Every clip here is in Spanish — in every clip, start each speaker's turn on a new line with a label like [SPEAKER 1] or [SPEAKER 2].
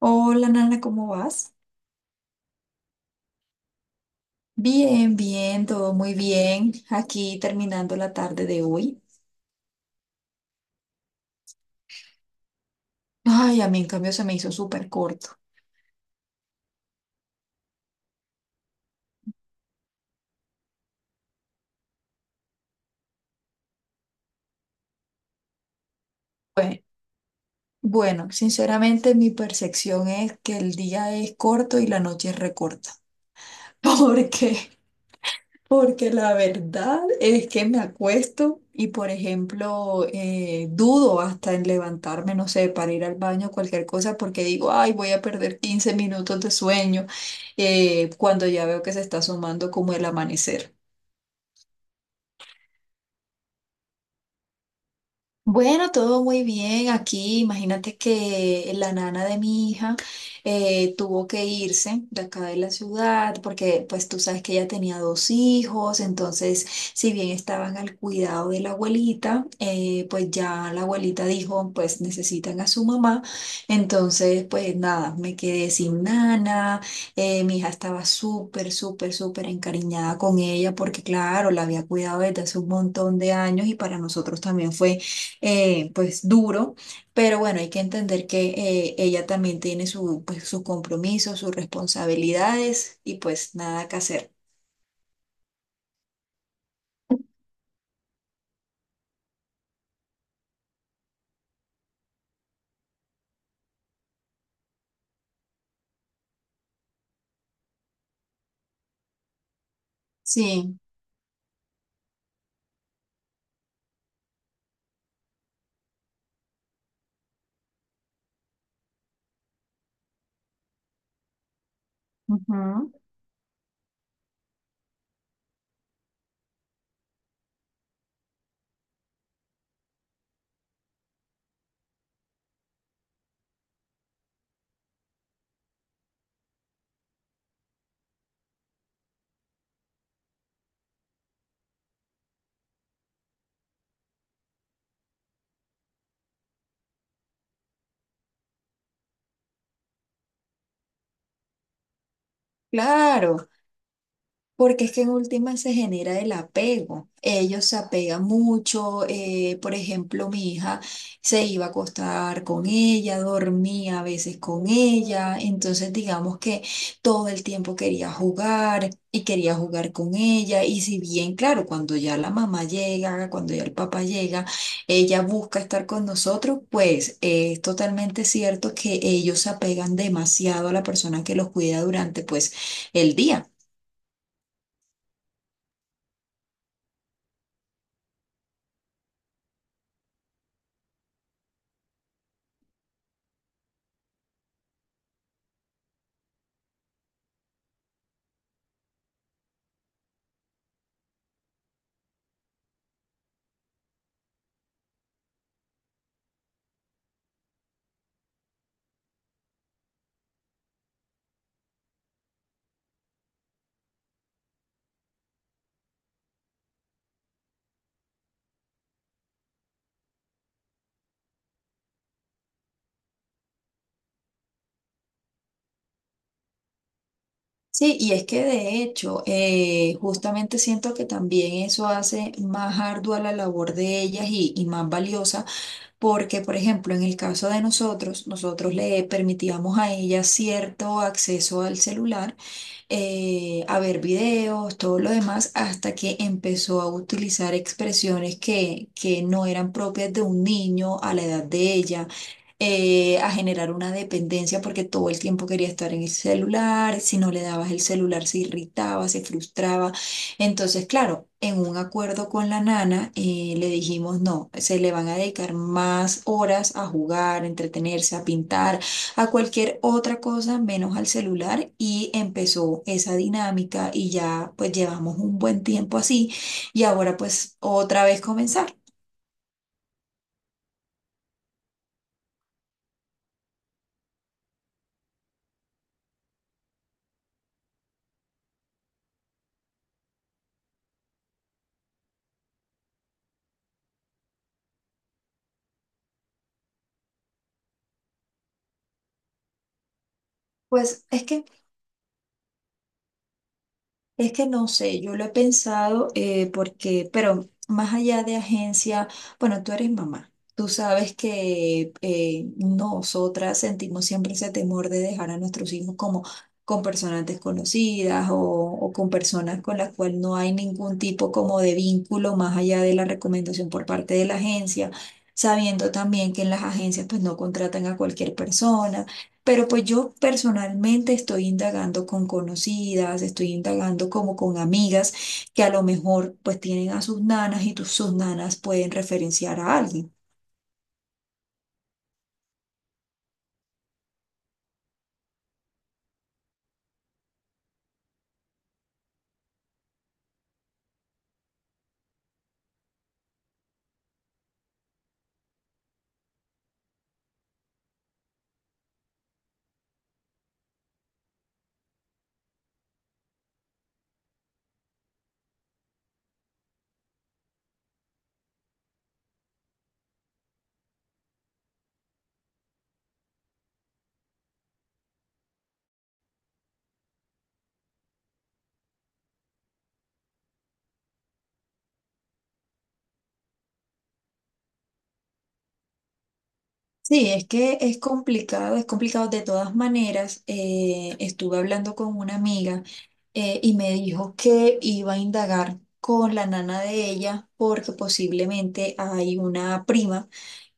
[SPEAKER 1] Hola Nana, ¿cómo vas? Bien, bien, todo muy bien. Aquí terminando la tarde de hoy. Ay, a mí en cambio se me hizo súper corto. Bue- Bueno, sinceramente mi percepción es que el día es corto y la noche es recorta. ¿Por qué? Porque la verdad es que me acuesto y, por ejemplo, dudo hasta en levantarme, no sé, para ir al baño o cualquier cosa, porque digo, ay, voy a perder 15 minutos de sueño cuando ya veo que se está asomando como el amanecer. Bueno, todo muy bien aquí. Imagínate que la nana de mi hija tuvo que irse de acá de la ciudad porque pues tú sabes que ella tenía dos hijos, entonces si bien estaban al cuidado de la abuelita, pues ya la abuelita dijo pues necesitan a su mamá, entonces pues nada, me quedé sin nana, mi hija estaba súper, súper, súper encariñada con ella porque claro, la había cuidado desde hace un montón de años y para nosotros también fue pues duro, pero bueno, hay que entender que ella también tiene su, pues, sus compromisos, sus responsabilidades y pues nada que hacer. Sí. Ujú. Claro. Porque es que en última se genera el apego. Ellos se apegan mucho. Por ejemplo, mi hija se iba a acostar con ella, dormía a veces con ella. Entonces, digamos que todo el tiempo quería jugar y quería jugar con ella. Y si bien, claro, cuando ya la mamá llega, cuando ya el papá llega, ella busca estar con nosotros, pues es totalmente cierto que ellos se apegan demasiado a la persona que los cuida durante, pues, el día. Sí, y es que de hecho, justamente siento que también eso hace más ardua la labor de ellas y, más valiosa, porque, por ejemplo, en el caso de nosotros, nosotros le permitíamos a ellas cierto acceso al celular a ver videos, todo lo demás, hasta que empezó a utilizar expresiones que no eran propias de un niño a la edad de ella. A generar una dependencia porque todo el tiempo quería estar en el celular, si no le dabas el celular se irritaba, se frustraba. Entonces, claro, en un acuerdo con la nana le dijimos, no, se le van a dedicar más horas a jugar, a entretenerse, a pintar, a cualquier otra cosa menos al celular y empezó esa dinámica y ya pues llevamos un buen tiempo así y ahora pues otra vez comenzar. Pues es que Es que no sé, yo lo he pensado porque, pero más allá de agencia, bueno, tú eres mamá. Tú sabes que nosotras sentimos siempre ese temor de dejar a nuestros hijos como con personas desconocidas o con personas con las cuales no hay ningún tipo como de vínculo más allá de la recomendación por parte de la agencia, sabiendo también que en las agencias pues no contratan a cualquier persona. Pero pues yo personalmente estoy indagando con conocidas, estoy indagando como con amigas que a lo mejor pues tienen a sus nanas y sus nanas pueden referenciar a alguien. Sí, es que es complicado de todas maneras. Estuve hablando con una amiga y me dijo que iba a indagar con la nana de ella porque posiblemente hay una prima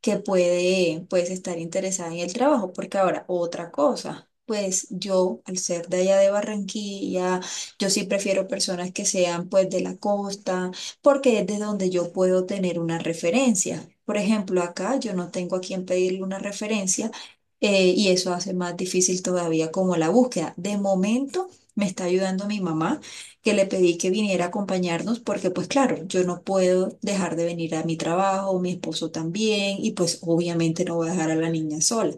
[SPEAKER 1] que puede pues estar interesada en el trabajo, porque ahora otra cosa. Pues yo, al ser de allá de Barranquilla, yo sí prefiero personas que sean pues de la costa, porque es de donde yo puedo tener una referencia. Por ejemplo, acá yo no tengo a quien pedirle una referencia y eso hace más difícil todavía como la búsqueda. De momento, me está ayudando mi mamá, que le pedí que viniera a acompañarnos porque pues claro, yo no puedo dejar de venir a mi trabajo, mi esposo también, y pues obviamente no voy a dejar a la niña sola.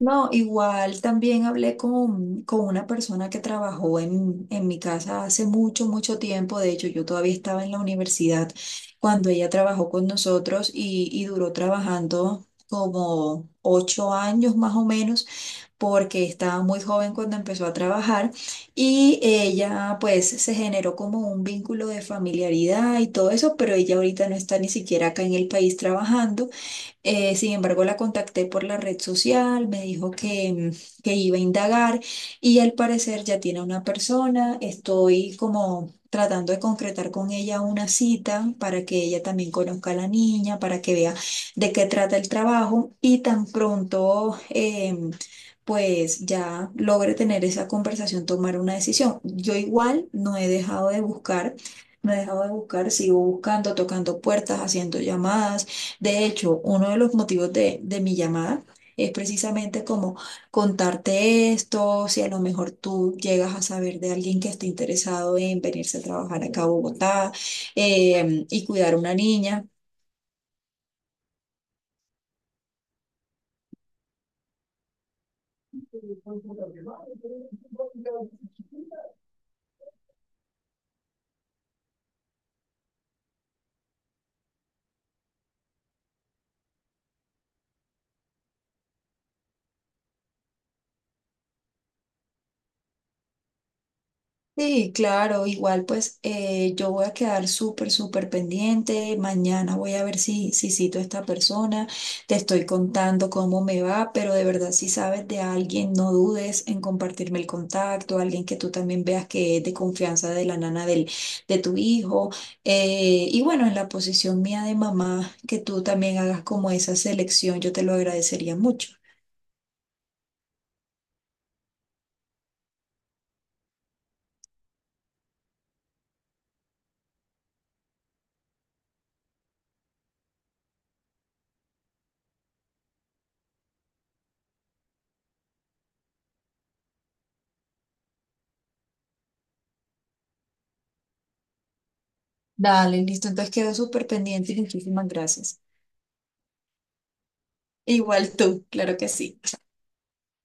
[SPEAKER 1] No, igual también hablé con una persona que trabajó en mi casa hace mucho, mucho tiempo. De hecho, yo todavía estaba en la universidad cuando ella trabajó con nosotros y, duró trabajando como 8 años más o menos. Porque estaba muy joven cuando empezó a trabajar y ella pues se generó como un vínculo de familiaridad y todo eso, pero ella ahorita no está ni siquiera acá en el país trabajando. Sin embargo, la contacté por la red social, me dijo que iba a indagar y al parecer ya tiene una persona. Estoy como tratando de concretar con ella una cita para que ella también conozca a la niña, para que vea de qué trata el trabajo y tan pronto pues ya logre tener esa conversación, tomar una decisión. Yo igual no he dejado de buscar, no he dejado de buscar, sigo buscando, tocando puertas, haciendo llamadas, de hecho, uno de los motivos de, mi llamada es precisamente como contarte esto, si a lo mejor tú llegas a saber de alguien que esté interesado en venirse a trabajar acá a Bogotá y cuidar una niña. Sí, claro, igual pues yo voy a quedar súper, súper pendiente. Mañana voy a ver si, cito a esta persona. Te estoy contando cómo me va, pero de verdad si sabes de alguien, no dudes en compartirme el contacto, alguien que tú también veas que es de confianza de la nana del, de tu hijo. Y bueno, en la posición mía de mamá, que tú también hagas como esa selección, yo te lo agradecería mucho. Dale, listo, entonces quedo súper pendiente y muchísimas gracias. Igual tú, claro que sí.